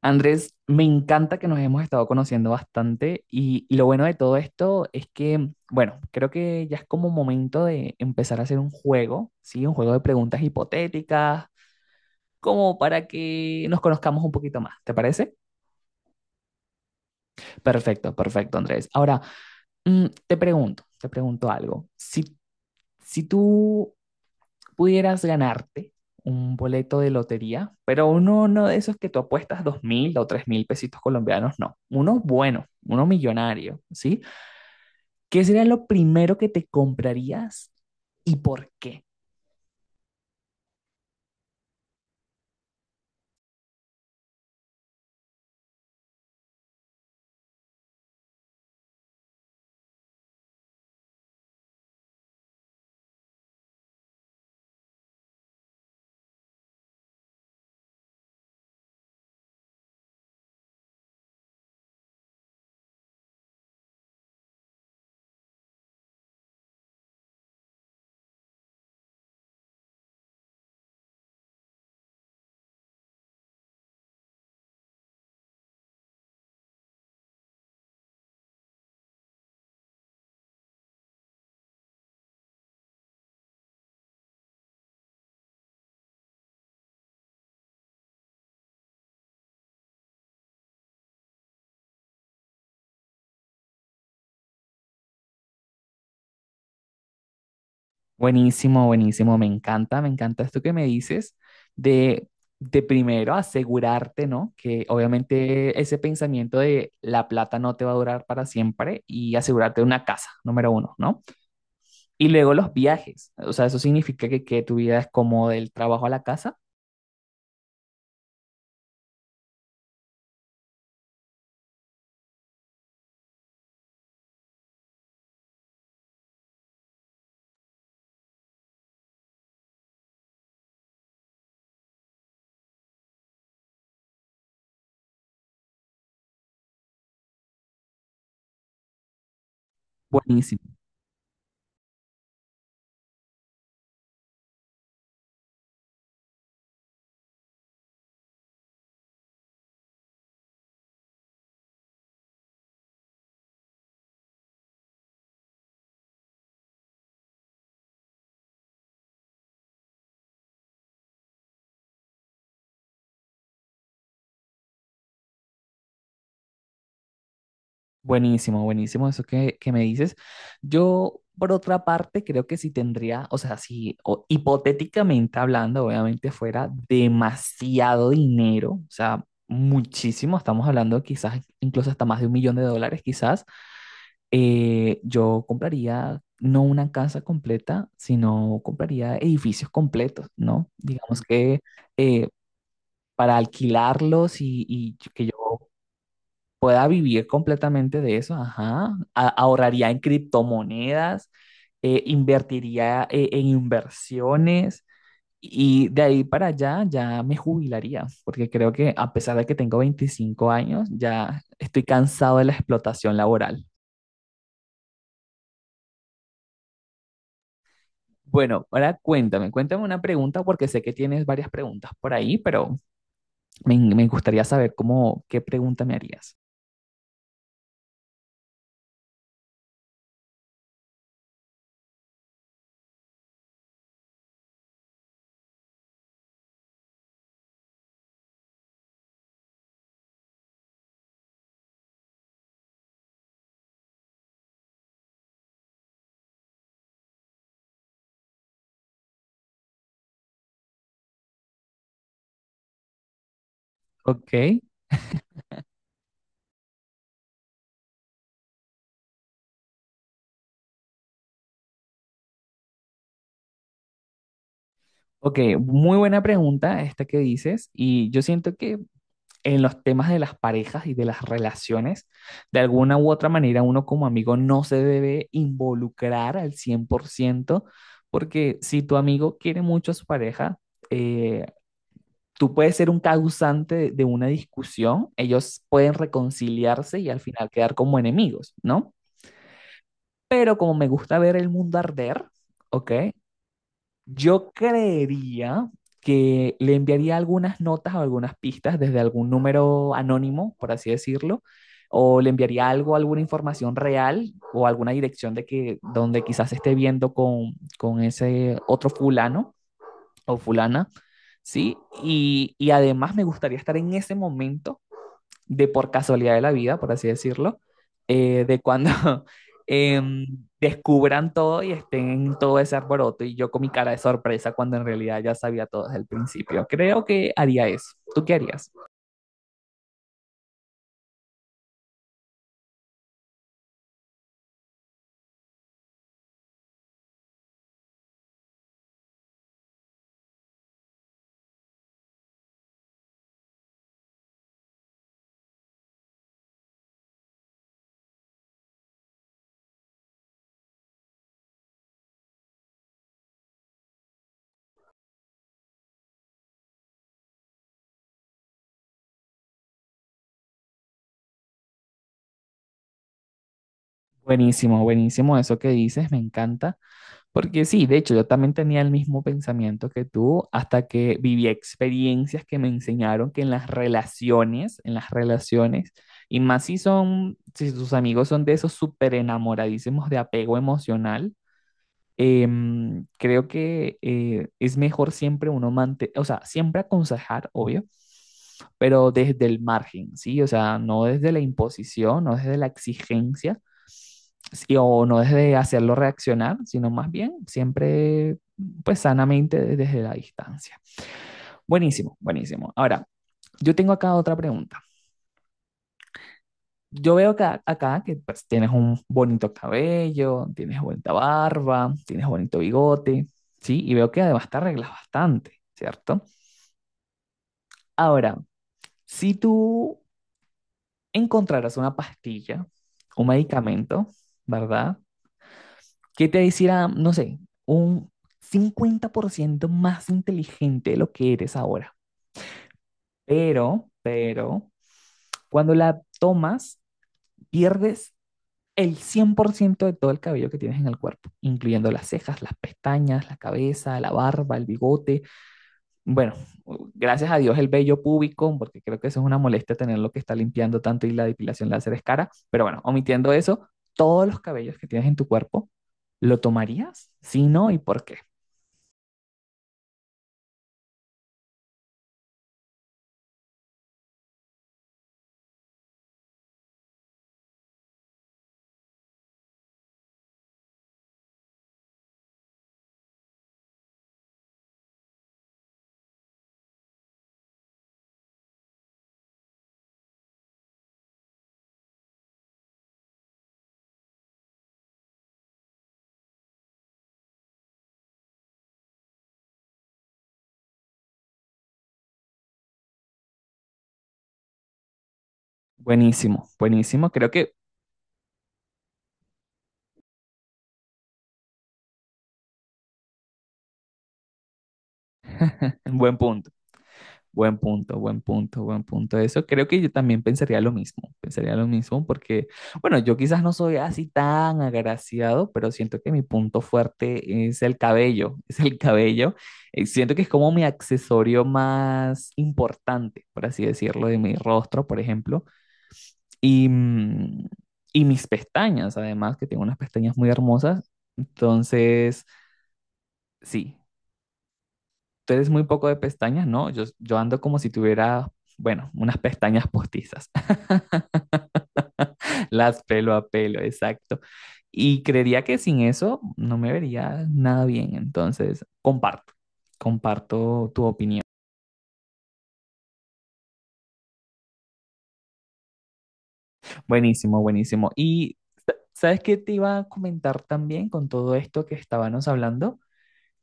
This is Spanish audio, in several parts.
Andrés, me encanta que nos hemos estado conociendo bastante y lo bueno de todo esto es que, bueno, creo que ya es como momento de empezar a hacer un juego, ¿sí? Un juego de preguntas hipotéticas, como para que nos conozcamos un poquito más, ¿te parece? Perfecto, perfecto, Andrés. Ahora, te pregunto, algo. Si, si tú pudieras ganarte un boleto de lotería, pero uno de esos que tú apuestas 2.000 o 3.000 pesitos colombianos, no, uno bueno, uno millonario, ¿sí? ¿Qué sería lo primero que te comprarías y por qué? Buenísimo, buenísimo, me encanta esto que me dices de, de primero asegurarte, ¿no? Que obviamente ese pensamiento de la plata no te va a durar para siempre y asegurarte una casa, número uno, ¿no? Y luego los viajes. O sea, eso significa que tu vida es como del trabajo a la casa. Buenísimo, buenísimo, buenísimo eso que me dices. Yo, por otra parte, creo que si tendría, o sea, si o- hipotéticamente hablando, obviamente fuera demasiado dinero, o sea, muchísimo, estamos hablando quizás incluso hasta más de 1 millón de dólares, quizás, yo compraría no una casa completa, sino compraría edificios completos, ¿no? Digamos que eh, para alquilarlos y que yo pueda vivir completamente de eso, ajá. Ahorraría en criptomonedas, invertiría en inversiones y de ahí para allá ya me jubilaría, porque creo que a pesar de que tengo 25 años, ya estoy cansado de la explotación laboral. Bueno, ahora cuéntame una pregunta porque sé que tienes varias preguntas por ahí, pero me gustaría saber cómo, qué pregunta me harías. Ok, Ok, muy buena pregunta esta que dices y yo siento que en los temas de las parejas y de las relaciones, de alguna u otra manera uno como amigo no se debe involucrar al 100% porque si tu amigo quiere mucho a su pareja, eh, tú puedes ser un causante de una discusión, ellos pueden reconciliarse y al final quedar como enemigos, ¿no? Pero como me gusta ver el mundo arder, ¿ok? Yo creería que le enviaría algunas notas o algunas pistas desde algún número anónimo, por así decirlo, o le enviaría algo, alguna información real o alguna dirección de que donde quizás esté viendo con ese otro fulano o fulana, ¿sí? Y además me gustaría estar en ese momento de por casualidad de la vida, por así decirlo, de cuando em, descubran todo y estén en todo ese alboroto y yo con mi cara de sorpresa cuando en realidad ya sabía todo desde el principio. Creo que haría eso. ¿Tú qué harías? Buenísimo, buenísimo eso que dices, me encanta. Porque sí, de hecho, yo también tenía el mismo pensamiento que tú hasta que viví experiencias que me enseñaron que en las relaciones, y más si son, si tus amigos son de esos súper enamoradísimos de apego emocional, creo que es mejor siempre uno mantener, o sea, siempre aconsejar, obvio, pero desde el margen, ¿sí? O sea, no desde la imposición, no desde la exigencia sí, o no desde hacerlo reaccionar, sino más bien siempre, pues sanamente desde la distancia. Buenísimo, buenísimo. Ahora, yo tengo acá otra pregunta. Yo veo acá que pues, tienes un bonito cabello, tienes bonita barba, tienes bonito bigote, ¿sí? Y veo que además te arreglas bastante, ¿cierto? Ahora, si tú encontraras una pastilla, un medicamento, ¿verdad? ¿Qué te hiciera, no sé, un 50% más inteligente de lo que eres ahora? Pero, cuando la tomas, pierdes el 100% de todo el cabello que tienes en el cuerpo, incluyendo las cejas, las pestañas, la cabeza, la barba, el bigote. Bueno, gracias a Dios el vello púbico, porque creo que eso es una molestia tenerlo que está limpiando tanto y la depilación láser es cara. Pero bueno, omitiendo eso, todos los cabellos que tienes en tu cuerpo, ¿lo tomarías? Si no, ¿y por qué? Buenísimo, buenísimo. Creo que buen punto, buen punto, buen punto, buen punto. Eso creo que yo también pensaría lo mismo porque, bueno, yo quizás no soy así tan agraciado, pero siento que mi punto fuerte es el cabello, es el cabello. Siento que es como mi accesorio más importante, por así decirlo, de mi rostro, por ejemplo. Y, mm, y mis pestañas, además, que tengo unas pestañas muy hermosas. Entonces, sí, tú eres muy poco de pestañas, ¿no? Yo ando como si tuviera, bueno, unas pestañas postizas, las pelo a pelo, exacto. Y creería que sin eso no me vería nada bien, entonces comparto tu opinión. Buenísimo, buenísimo. Y ¿sabes qué te iba a comentar también con todo esto que estábamos hablando?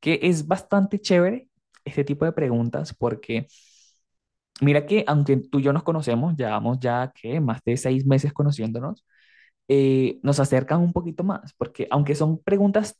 Que es bastante chévere este tipo de preguntas porque mira que aunque tú y yo nos conocemos, llevamos ya que más de 6 meses conociéndonos, nos acercan un poquito más, porque aunque son preguntas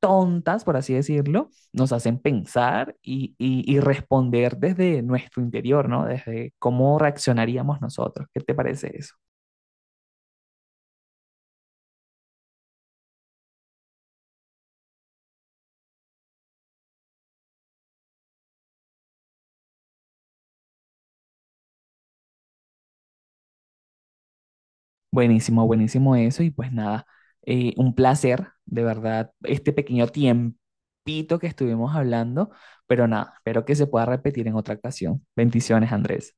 tontas, por así decirlo, nos hacen pensar y responder desde nuestro interior, ¿no? Desde cómo reaccionaríamos nosotros. ¿Qué te parece eso? Buenísimo, buenísimo eso. Y pues nada, un placer, de verdad, este pequeño tiempito que estuvimos hablando, pero nada, espero que se pueda repetir en otra ocasión. Bendiciones, Andrés.